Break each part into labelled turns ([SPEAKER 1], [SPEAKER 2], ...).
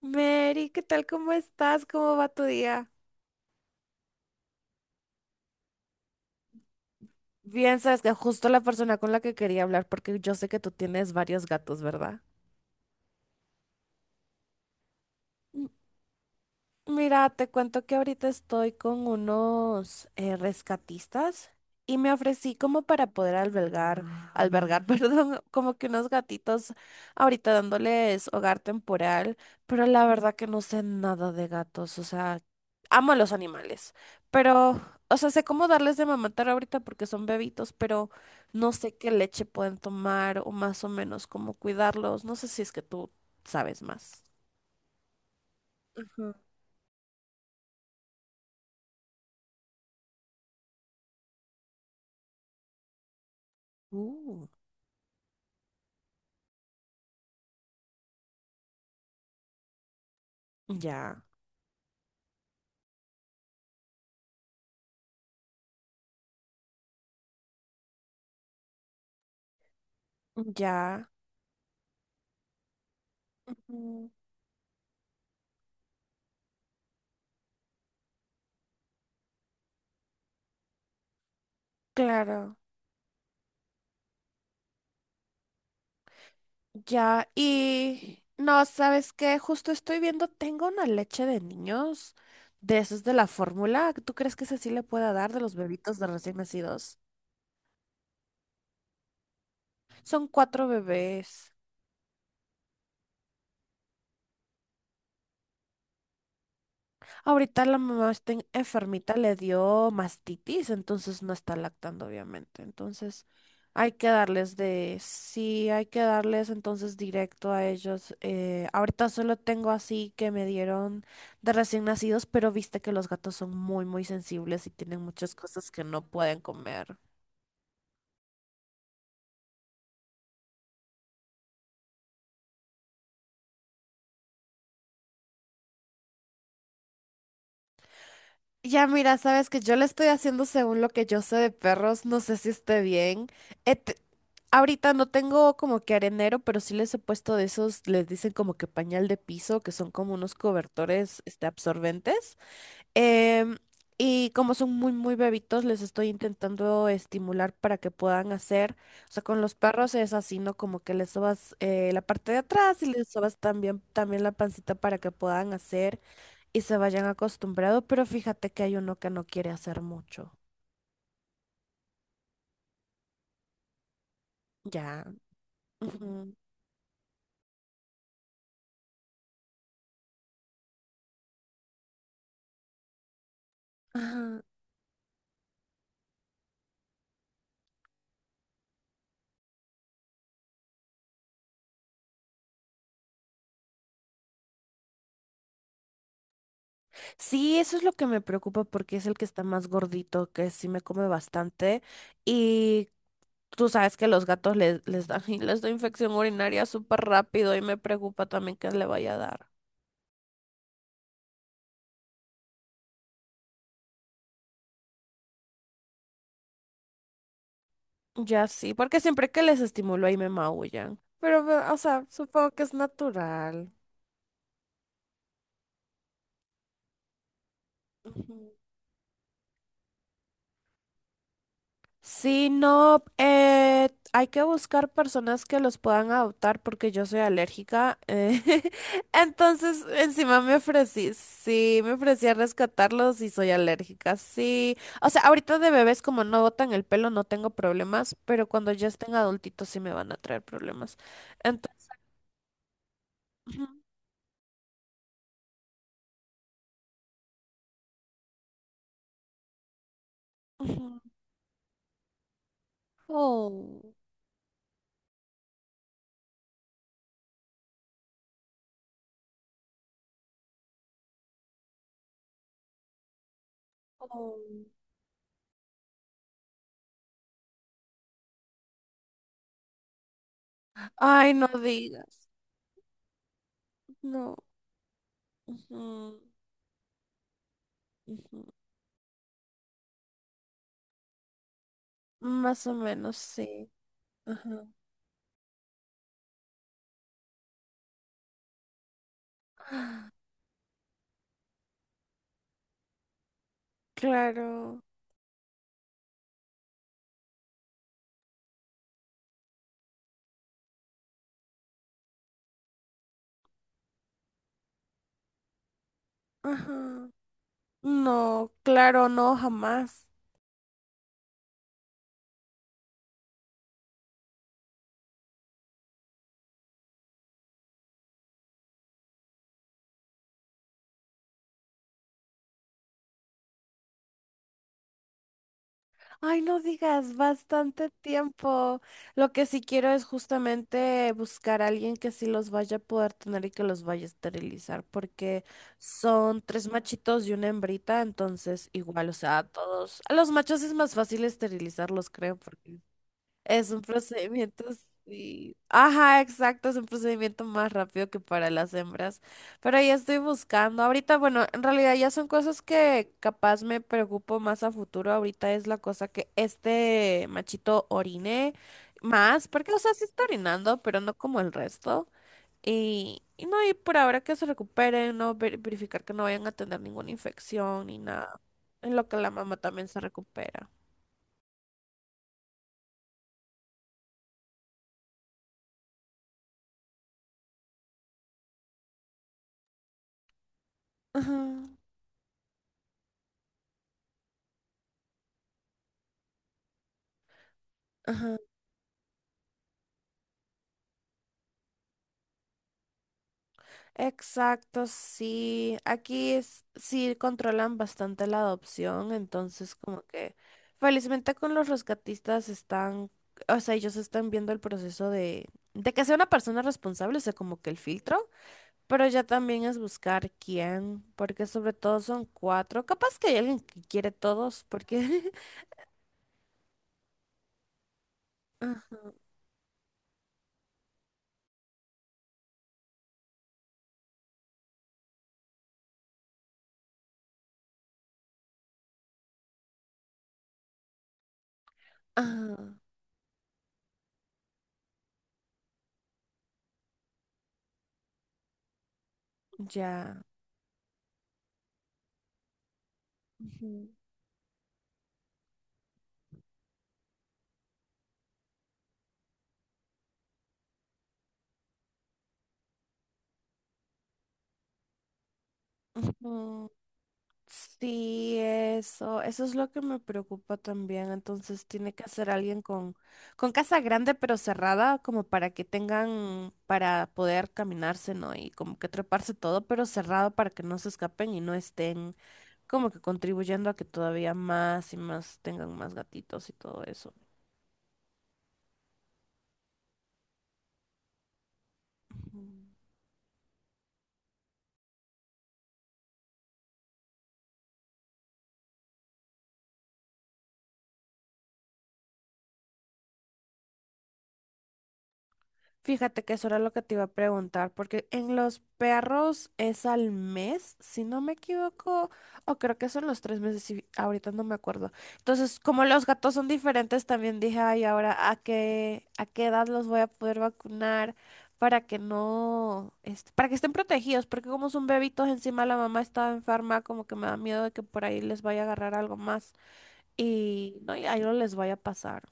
[SPEAKER 1] Mary, ¿qué tal? ¿Cómo estás? ¿Cómo va tu día? Bien, sabes que justo la persona con la que quería hablar, porque yo sé que tú tienes varios gatos, ¿verdad? Mira, te cuento que ahorita estoy con unos rescatistas y me ofrecí como para poder albergar, perdón, como que unos gatitos ahorita dándoles hogar temporal, pero la verdad que no sé nada de gatos, o sea, amo a los animales, pero, o sea, sé cómo darles de mamatar ahorita porque son bebitos, pero no sé qué leche pueden tomar o más o menos cómo cuidarlos, no sé si es que tú sabes más. Ujú. Uh. Ya. Ya, ujú, claro, ya. Y no, ¿sabes qué? Justo estoy viendo, tengo una leche de niños de esos de la fórmula. ¿Tú crees que esa sí le pueda dar de los bebitos de recién nacidos? Son cuatro bebés. Ahorita la mamá está enfermita, le dio mastitis, entonces no está lactando, obviamente. Entonces hay que darles de, sí, hay que darles entonces directo a ellos. Ahorita solo tengo así que me dieron de recién nacidos, pero viste que los gatos son muy, muy sensibles y tienen muchas cosas que no pueden comer. Ya mira, sabes que yo le estoy haciendo según lo que yo sé de perros, no sé si esté bien. Eh, te- ahorita no tengo como que arenero, pero sí les he puesto de esos, les dicen como que pañal de piso, que son como unos cobertores este, absorbentes. Em, y como son muy, muy bebitos, les estoy intentando estimular para que puedan hacer, o sea, con los perros es así, ¿no? Como que les sobas la parte de atrás y les sobas también, también la pancita para que puedan hacer y se vayan acostumbrados, pero fíjate que hay uno que no quiere hacer mucho. Ya. Ujú, ajá. Sí, eso es lo que me preocupa porque es el que está más gordito, que sí me come bastante. Y tú sabes que los gatos les da, les da infección urinaria súper rápido y me preocupa también que le vaya a dar. Ya sí, porque siempre que les estimulo ahí me maullan. Pero, o sea, supongo que es natural. Ujú. Sí, no, hay que buscar personas que los puedan adoptar porque yo soy alérgica. Entonces, encima me ofrecí, sí, me ofrecí a rescatarlos y soy alérgica, sí. O sea, ahorita de bebés como no botan el pelo no tengo problemas, pero cuando ya estén adultitos sí me van a traer problemas. Entonces, ujú, ujú. Oh, oh. Ay, no digas, no. Ujú, ujú, más o menos, sí. Ajá. Claro. Ajá. No, claro, no, jamás. Ay, no digas, bastante tiempo. Lo que sí quiero es justamente buscar a alguien que sí los vaya a poder tener y que los vaya a esterilizar, porque son tres machitos y una hembrita, entonces igual, o sea, a todos, a los machos es más fácil esterilizarlos, creo, porque es un procedimiento, sí. Ajá, exacto, es un procedimiento más rápido que para las hembras. Pero ya estoy buscando. Ahorita, bueno, en realidad ya son cosas que capaz me preocupo más a futuro. Ahorita es la cosa que este machito orine más, porque, o sea, sí está orinando, pero no como el resto. Y no, y por ahora que se recuperen, no verificar que no vayan a tener ninguna infección ni nada. En lo que la mamá también se recupera. Ajá, ajá. Exacto, sí. Aquí sí controlan bastante la adopción, entonces como que felizmente con los rescatistas están, o sea, ellos están viendo el proceso de que sea una persona responsable, o sea, como que el filtro, pero ya también es buscar quién, porque sobre todo son cuatro. Capaz que hay alguien que quiere todos, porque... Ah, ah, ya. Ujú. Sí, eso es lo que me preocupa también. Entonces tiene que ser alguien con casa grande pero cerrada, como para que tengan, para poder caminarse, ¿no? Y como que treparse todo, pero cerrado para que no se escapen y no estén como que contribuyendo a que todavía más y más tengan más gatitos y todo eso. Ujú. Fíjate que eso era lo que te iba a preguntar, porque en los perros es al mes, si no me equivoco, o creo que son los 3 meses, si ahorita no me acuerdo. Entonces, como los gatos son diferentes, también dije, ay, ahora, ¿a qué edad los voy a poder vacunar para que no, este, para que estén protegidos? Porque como son bebitos, encima la mamá estaba enferma, como que me da miedo de que por ahí les vaya a agarrar algo más y no, y ahí no les vaya a pasar.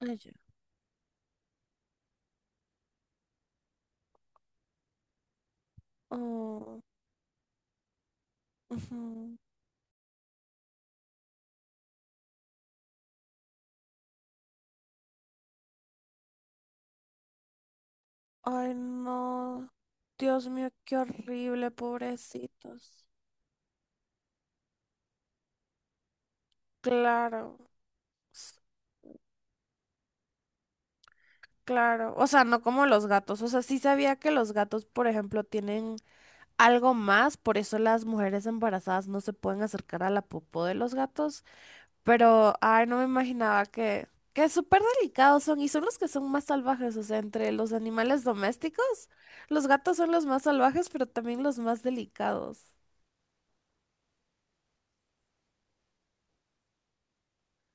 [SPEAKER 1] Ay, ya. Oh, ujú. Ay, no. Dios mío, qué horrible, pobrecitos. Claro, s- claro. O sea, no como los gatos. O sea, sí sabía que los gatos, por ejemplo, tienen algo más, por eso las mujeres embarazadas no se pueden acercar a la popó de los gatos. Pero, ay, no me imaginaba que súper delicados son y son los que son más salvajes. O sea, entre los animales domésticos, los gatos son los más salvajes, pero también los más delicados.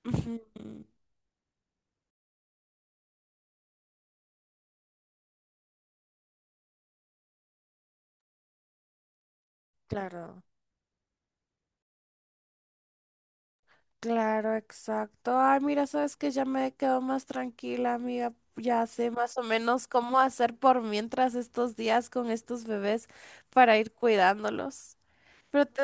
[SPEAKER 1] Ujú, claro. Claro, exacto. Ay, mira, sabes que ya me quedo más tranquila, amiga. Ya sé más o menos cómo hacer por mientras estos días con estos bebés para ir cuidándolos. Pero te...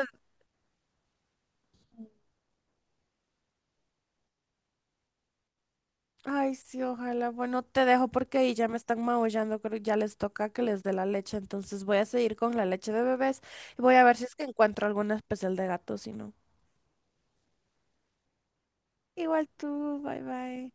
[SPEAKER 1] Ay, sí, ojalá. Bueno, te dejo porque ahí ya me están maullando. Creo que ya les toca que les dé la leche. Entonces voy a seguir con la leche de bebés y voy a ver si es que encuentro alguna especial de gato, si no. Igual tú, bye bye.